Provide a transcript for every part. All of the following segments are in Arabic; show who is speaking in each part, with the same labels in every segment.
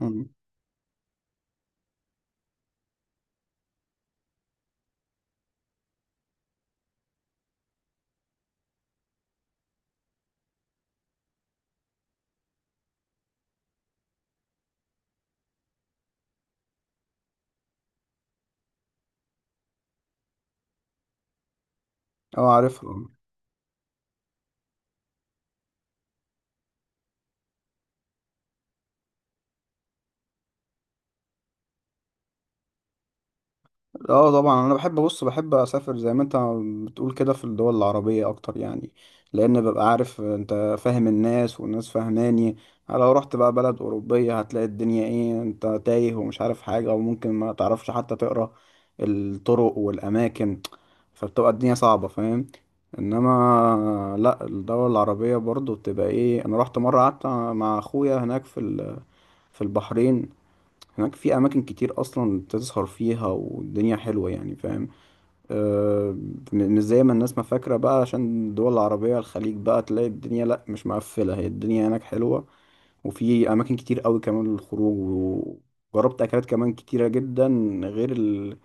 Speaker 1: مم. اه، عارفها. اه طبعا، انا بحب، بص بحب اسافر زي ما انت بتقول كده في الدول العربيه اكتر يعني. لان ببقى عارف، انت فاهم، الناس والناس فاهماني. لو رحت بقى بلد اوروبيه هتلاقي الدنيا ايه، انت تايه ومش عارف حاجه، وممكن ما تعرفش حتى تقرا الطرق والاماكن، فبتبقى الدنيا صعبه، فاهم. انما لا، الدول العربيه برضو بتبقى ايه، انا رحت مره قعدت مع اخويا هناك في في البحرين. هناك في أماكن كتير أصلا بتسهر فيها والدنيا حلوة يعني، فاهم. آه، مش زي ما الناس ما فاكرة بقى. عشان الدول العربية الخليج بقى تلاقي الدنيا، لأ، مش مقفلة، هي الدنيا هناك حلوة وفي أماكن كتير أوي كمان للخروج. وجربت أكلات كمان كتيرة جدا غير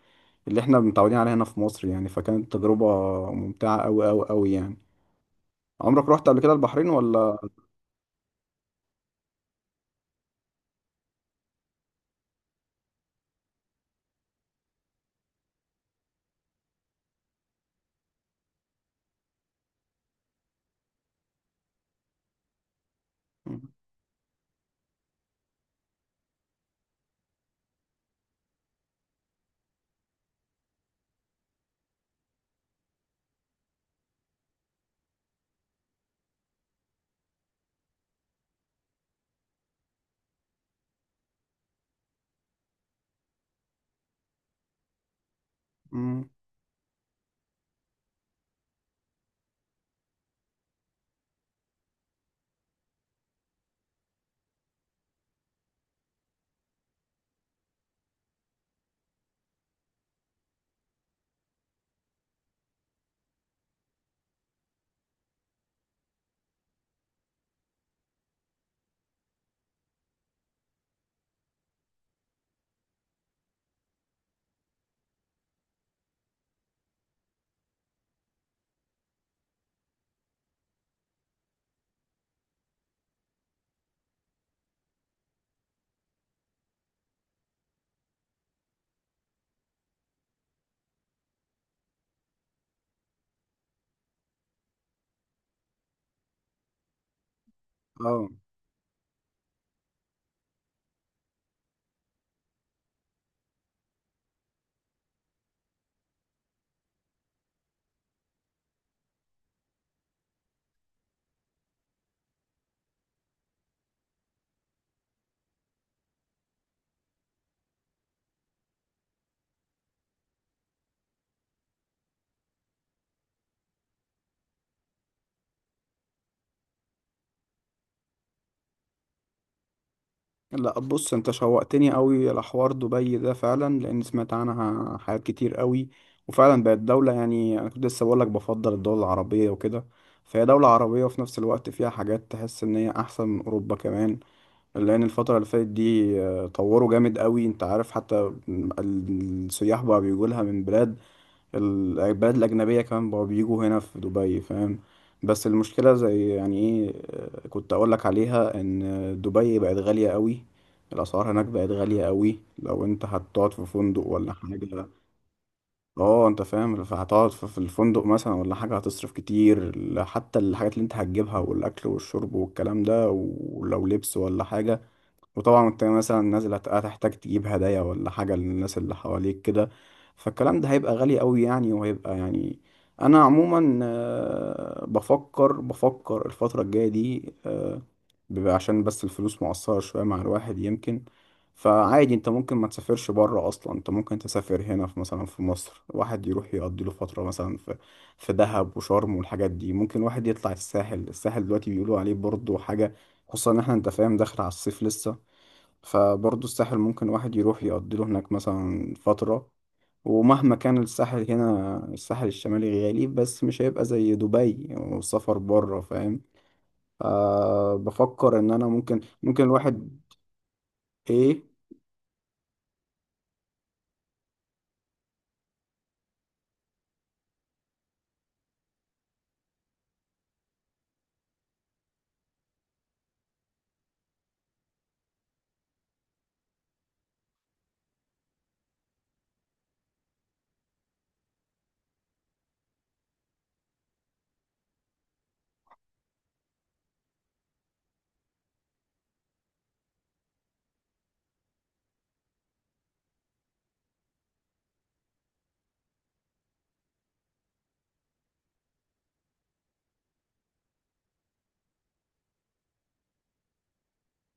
Speaker 1: اللي احنا متعودين عليها هنا في مصر يعني. فكانت تجربة ممتعة أوي أوي أوي يعني. عمرك رحت قبل كده البحرين ولا؟ مم. اه لا، بص، انت شوقتني قوي لحوار دبي ده فعلا، لان سمعت عنها حاجات كتير قوي. وفعلا بقت دولة يعني، انا كنت لسه بقول لك بفضل الدول العربية وكده، فهي دولة عربية وفي نفس الوقت فيها حاجات تحس ان هي احسن من اوروبا كمان. لان الفترة اللي فاتت دي طوروا جامد قوي، انت عارف حتى السياح بقى بيجوا لها من بلاد، البلاد الأجنبية كمان بقوا بيجوا هنا في دبي، فاهم. بس المشكلة زي يعني إيه، كنت أقولك عليها إن دبي بقت غالية قوي. الأسعار هناك بقت غالية قوي، لو أنت هتقعد في فندق ولا حاجة. اه أنت فاهم، فهتقعد في الفندق مثلا ولا حاجة، هتصرف كتير. حتى الحاجات اللي أنت هتجيبها والأكل والشرب والكلام ده ولو لبس ولا حاجة. وطبعا انت مثلا نازل، هتحتاج تجيب هدايا ولا حاجة للناس اللي حواليك كده. فالكلام ده هيبقى غالي قوي يعني، وهيبقى يعني. انا عموما بفكر، بفكر الفترة الجاية دي، بيبقى عشان بس الفلوس مقصرة شوية مع الواحد يمكن. فعادي انت ممكن ما تسافرش بره اصلا، انت ممكن تسافر هنا في، مثلا في مصر، واحد يروح يقضي له فترة مثلا في في دهب وشرم والحاجات دي. ممكن واحد يطلع الساحل، الساحل دلوقتي بيقولوا عليه برضه حاجة، خصوصا ان احنا انت فاهم داخل على الصيف لسه. فبرضه الساحل ممكن واحد يروح يقضي له هناك مثلا فترة. ومهما كان الساحل هنا الساحل الشمالي غالي، بس مش هيبقى زي دبي والسفر بره، فاهم. أه، بفكر ان انا ممكن، ممكن الواحد. ايه؟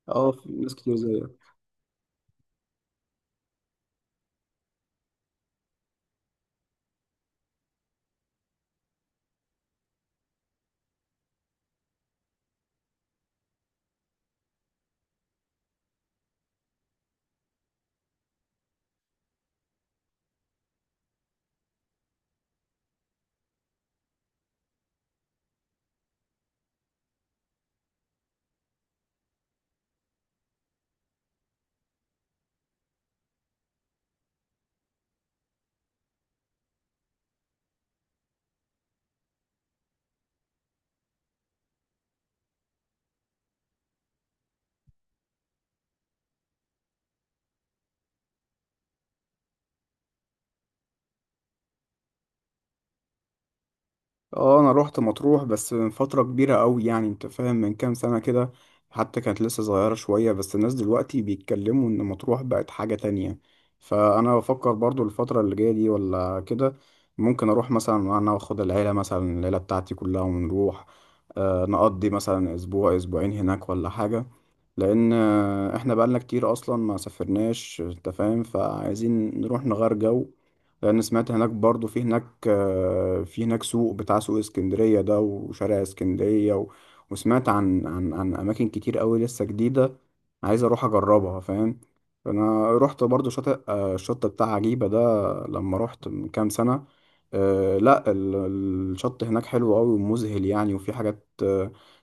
Speaker 1: اه في ناس كتير زي. اه انا روحت مطروح بس من فترة كبيرة قوي يعني، انت فاهم، من كام سنة كده، حتى كانت لسه صغيرة شوية. بس الناس دلوقتي بيتكلموا ان مطروح بقت حاجة تانية، فانا بفكر برضو الفترة اللي جاية دي ولا كده ممكن اروح مثلا، انا واخد العيلة مثلا، العيلة بتاعتي كلها، ونروح آه نقضي مثلا اسبوع اسبوعين هناك ولا حاجة. لان احنا بقالنا كتير اصلا ما سافرناش، انت فاهم، فعايزين نروح نغير جو. لان سمعت هناك برضو في هناك في هناك سوق بتاع سوق اسكندرية ده وشارع اسكندرية و... وسمعت عن اماكن كتير قوي لسه جديدة، عايز اروح اجربها، فاهم. انا رحت برضو شاطئ الشط بتاع عجيبة ده لما رحت من كام سنة. آه، لا ال- الشط هناك حلو قوي ومذهل يعني، وفي حاجات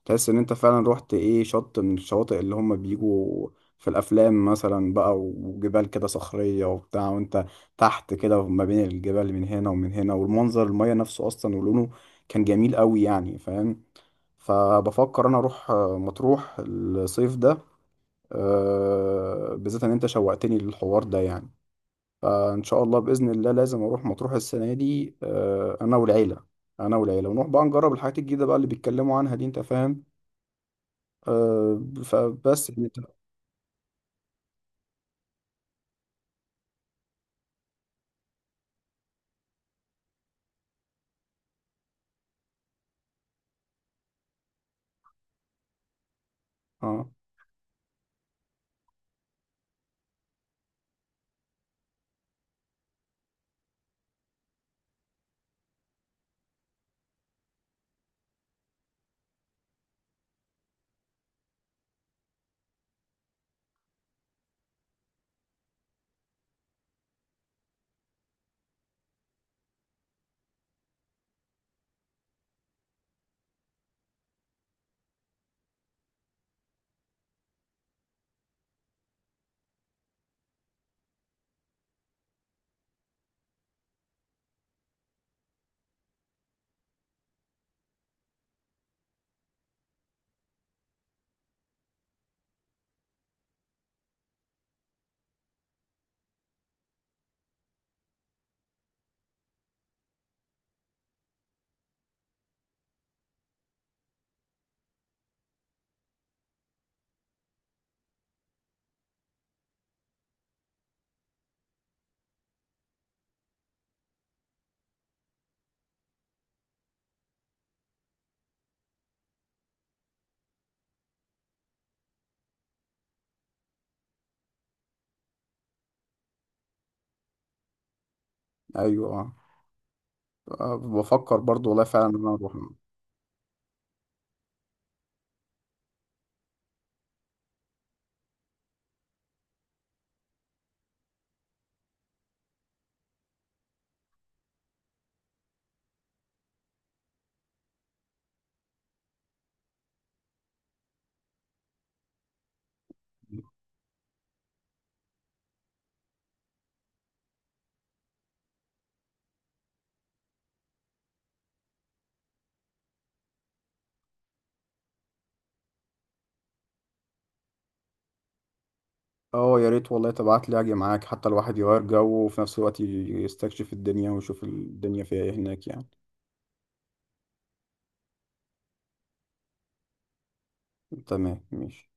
Speaker 1: تحس ان انت فعلا رحت ايه، شط من الشواطئ اللي هم بيجوا في الافلام مثلا بقى، وجبال كده صخرية وبتاع، وانت تحت كده ما بين الجبال من هنا ومن هنا، والمنظر، المية نفسه اصلا ولونه كان جميل قوي يعني، فاهم. فبفكر انا اروح مطروح الصيف ده، بالذات ان انت شوقتني للحوار ده يعني. فان شاء الله باذن الله لازم اروح مطروح السنة دي انا والعيلة، انا والعيلة، ونروح بقى نجرب الحاجات الجديدة بقى اللي بيتكلموا عنها دي، انت فاهم. أه فبس يعني اه. ايوه اه، بفكر برضو والله فعلا ان انا اروح. اه يا ريت والله، تبعت لي اجي معاك، حتى الواحد يغير جو وفي نفس الوقت يستكشف الدنيا ويشوف الدنيا فيها ايه هناك يعني. تمام ماشي.